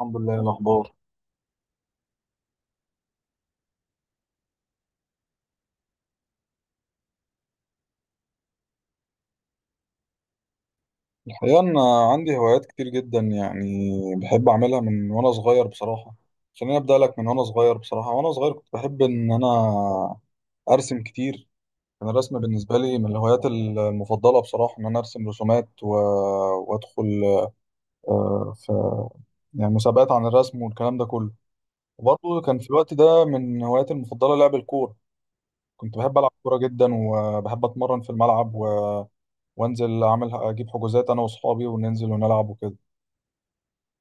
الحمد لله. إيه الأخبار؟ الحقيقة أنا عندي هوايات كتير جدا، بحب أعملها من وأنا صغير بصراحة. خليني أبدأ لك من وأنا صغير بصراحة. وأنا صغير كنت بحب إن أنا أرسم كتير. كان الرسم بالنسبة لي من الهوايات المفضلة بصراحة، إن أنا أرسم رسومات وأدخل في مسابقات عن الرسم والكلام ده كله. وبرضه كان في الوقت ده من هواياتي المفضلة لعب الكورة. كنت بحب ألعب كورة جدا، وبحب أتمرن في الملعب، وأنزل أعمل أجيب حجوزات أنا وأصحابي وننزل ونلعب وكده.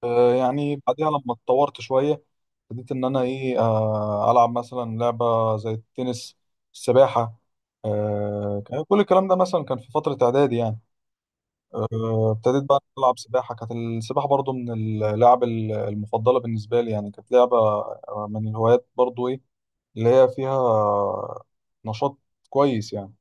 يعني بعديها لما اتطورت شوية ابتديت إن أنا إيه آه، ألعب مثلا لعبة زي التنس، السباحة. كان كل الكلام ده مثلا كان في فترة إعدادي يعني. ابتديت بقى ألعب سباحة. كانت السباحة برضو من المفضلة بالنسبة لي، يعني كانت لعبة، من الهوايات برضو، إيه اللي هي فيها نشاط كويس يعني.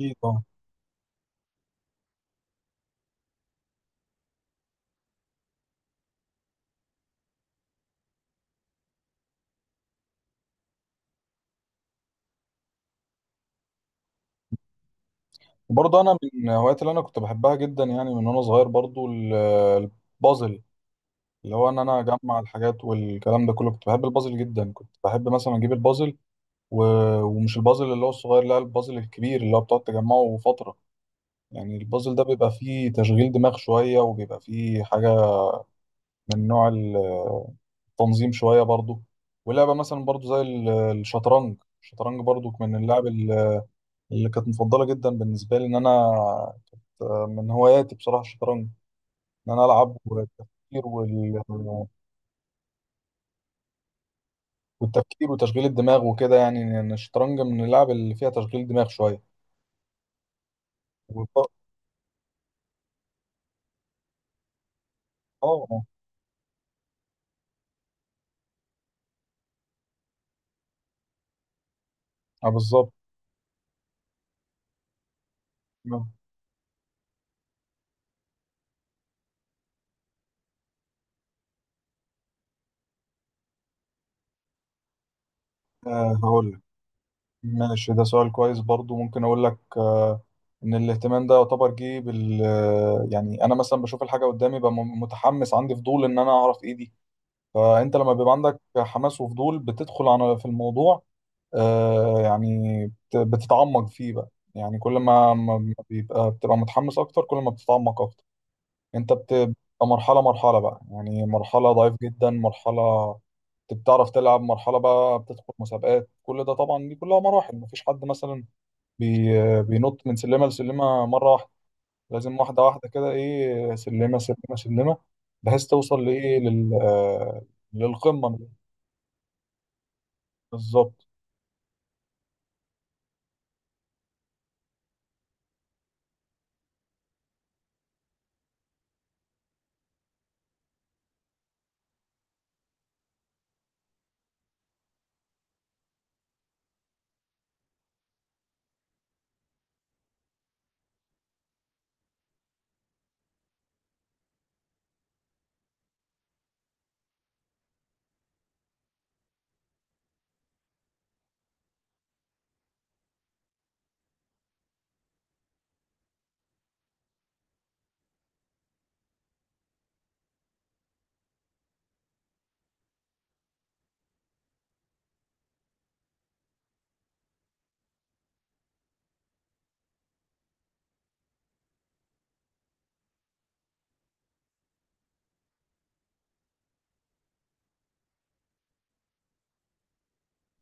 أكيد أه. وبرضه أنا من الهوايات اللي أنا كنت بحبها جدا، يعني من وأنا صغير برضو، البازل. اللي هو ان انا اجمع الحاجات والكلام ده كله. كنت بحب البازل جدا، كنت بحب مثلا اجيب البازل و... ومش البازل اللي هو الصغير، لا، البازل الكبير اللي هو بتقعد تجمعه فترة. يعني البازل ده بيبقى فيه تشغيل دماغ شوية، وبيبقى فيه حاجة من نوع التنظيم شوية برضو. ولعبة مثلا برضو زي الشطرنج. الشطرنج برضو من اللي كانت مفضلة جدا بالنسبة لي، ان انا من هواياتي بصراحة الشطرنج. ان انا العب والتفكير وتشغيل الدماغ وكده، يعني ان الشطرنج من اللعب اللي فيها تشغيل دماغ شويه. والط- اه اه بالظبط. آه هقول لك، ماشي، ده سؤال كويس برضو. ممكن اقول لك آه ان الاهتمام ده يعتبر جه بال آه، يعني انا مثلا بشوف الحاجه قدامي، ببقى متحمس، عندي فضول ان انا اعرف ايه دي. فانت لما بيبقى عندك حماس وفضول بتدخل على في الموضوع، آه يعني بتتعمق فيه بقى. يعني كل ما بتبقى متحمس اكتر، كل ما بتتعمق اكتر انت بتبقى مرحلة بقى. يعني مرحلة ضعيف جدا، مرحلة انت بتعرف تلعب، مرحلة بقى بتدخل مسابقات. كل ده طبعا دي كلها مراحل. مفيش حد مثلا بي بينط من سلمة لسلمة مرة واحدة. لازم واحدة واحدة كده، ايه، سلمة سلمة سلمة، بحيث توصل لل للقمة بالظبط.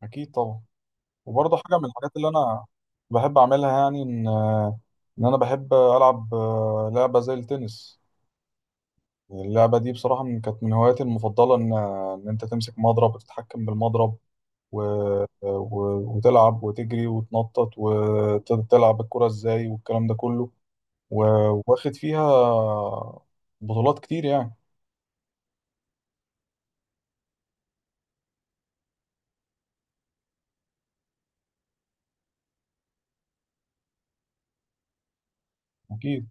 أكيد طبعا. وبرضه حاجة من الحاجات اللي أنا بحب أعملها، يعني إن أنا بحب ألعب لعبة زي التنس. اللعبة دي بصراحة كانت من هواياتي المفضلة. إن أنت تمسك مضرب وتتحكم بالمضرب، و... و... وتلعب وتجري وتنطط وتلعب الكرة إزاي والكلام ده كله. و... واخد فيها بطولات كتير يعني. أكيد.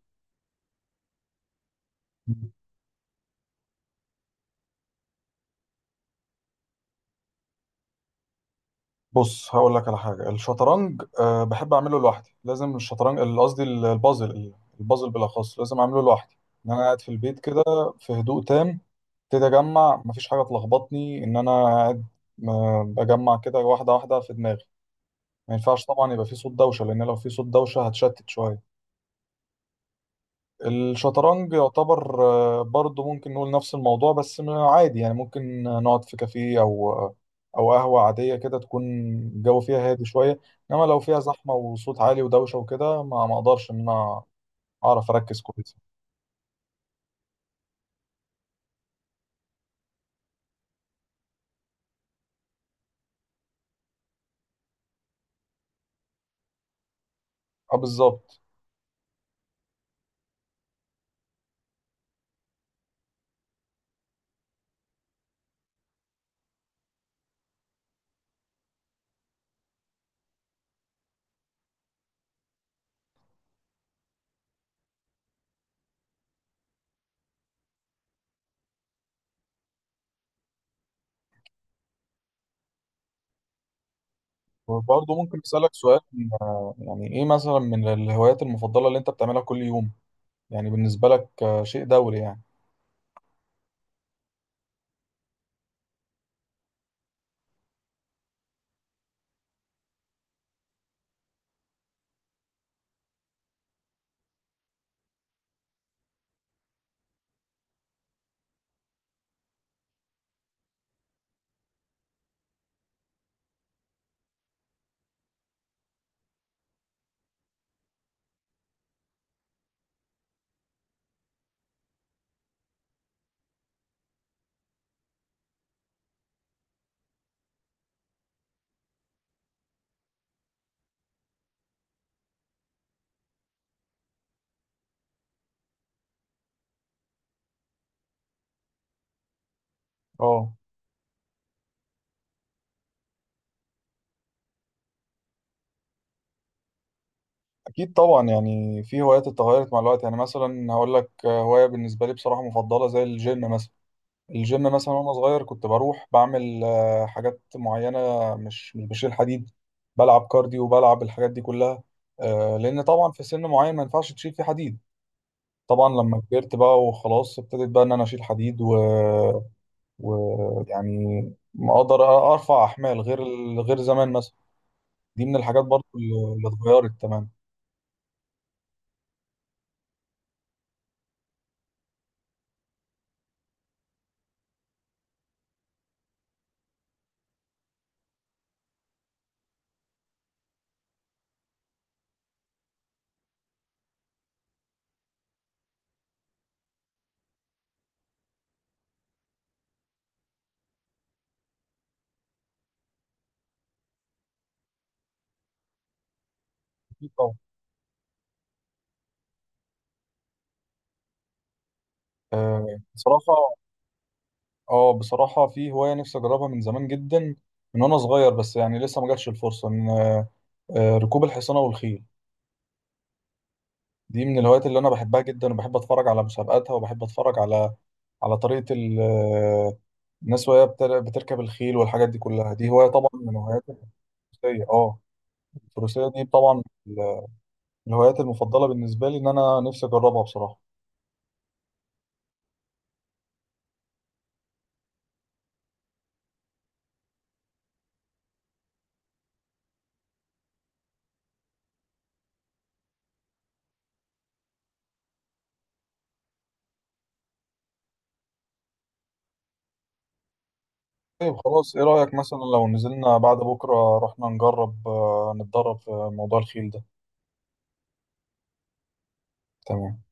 بص هقول لك على حاجة، الشطرنج أه بحب أعمله لوحدي. لازم الشطرنج، البازل، البازل بالأخص لازم أعمله لوحدي. إن أنا قاعد في البيت كده في هدوء تام، ابتدي اجمع، مفيش حاجه تلخبطني ان انا قاعد بجمع كده واحده واحده في دماغي. ما ينفعش طبعا يبقى في صوت دوشه، لان لو في صوت دوشه هتشتت شويه. الشطرنج يعتبر برضه ممكن نقول نفس الموضوع، بس عادي. يعني ممكن نقعد في كافيه، او قهوه عاديه كده تكون الجو فيها هادي شويه. انما لو فيها زحمه وصوت عالي ودوشه وكده ما اقدرش ان انا اعرف اركز كويس. اه بالظبط. وبرضه ممكن أسألك سؤال؟ يعني إيه مثلا من الهوايات المفضلة اللي أنت بتعملها كل يوم؟ يعني بالنسبة لك شيء دوري يعني. اه أكيد طبعا، يعني في هوايات اتغيرت مع الوقت. يعني مثلا هقول لك، هواية بالنسبة لي بصراحة مفضلة زي الجيم مثلا. الجيم مثلا وأنا صغير كنت بروح بعمل حاجات معينة، مش بشيل حديد، بلعب كارديو وبلعب الحاجات دي كلها. لأن طبعا في سن معين ما ينفعش تشيل فيه حديد. طبعا لما كبرت بقى وخلاص ابتديت بقى إن أنا أشيل حديد ويعني اقدر ارفع احمال غير زمان مثلا. دي من الحاجات برضو اللي اتغيرت تماما. أكيد طبعا. آه، بصراحة اه بصراحة في هواية نفسي اجربها من زمان جدا، من وانا صغير، بس يعني لسه ما جاتش الفرصة ان ركوب الحصانة والخيل. دي من الهوايات اللي انا بحبها جدا، وبحب اتفرج على مسابقاتها، وبحب اتفرج على على طريقة الناس وهي بتركب الخيل والحاجات دي كلها. دي هواية طبعا من هواياتي. الفروسية، اه، الفروسية دي طبعا الهوايات المفضلة بالنسبة لي إن أنا نفسي أجربها بصراحة. طيب خلاص، إيه رأيك مثلا لو نزلنا بعد بكرة رحنا نجرب، نتدرب في موضوع الخيل ده؟ تمام.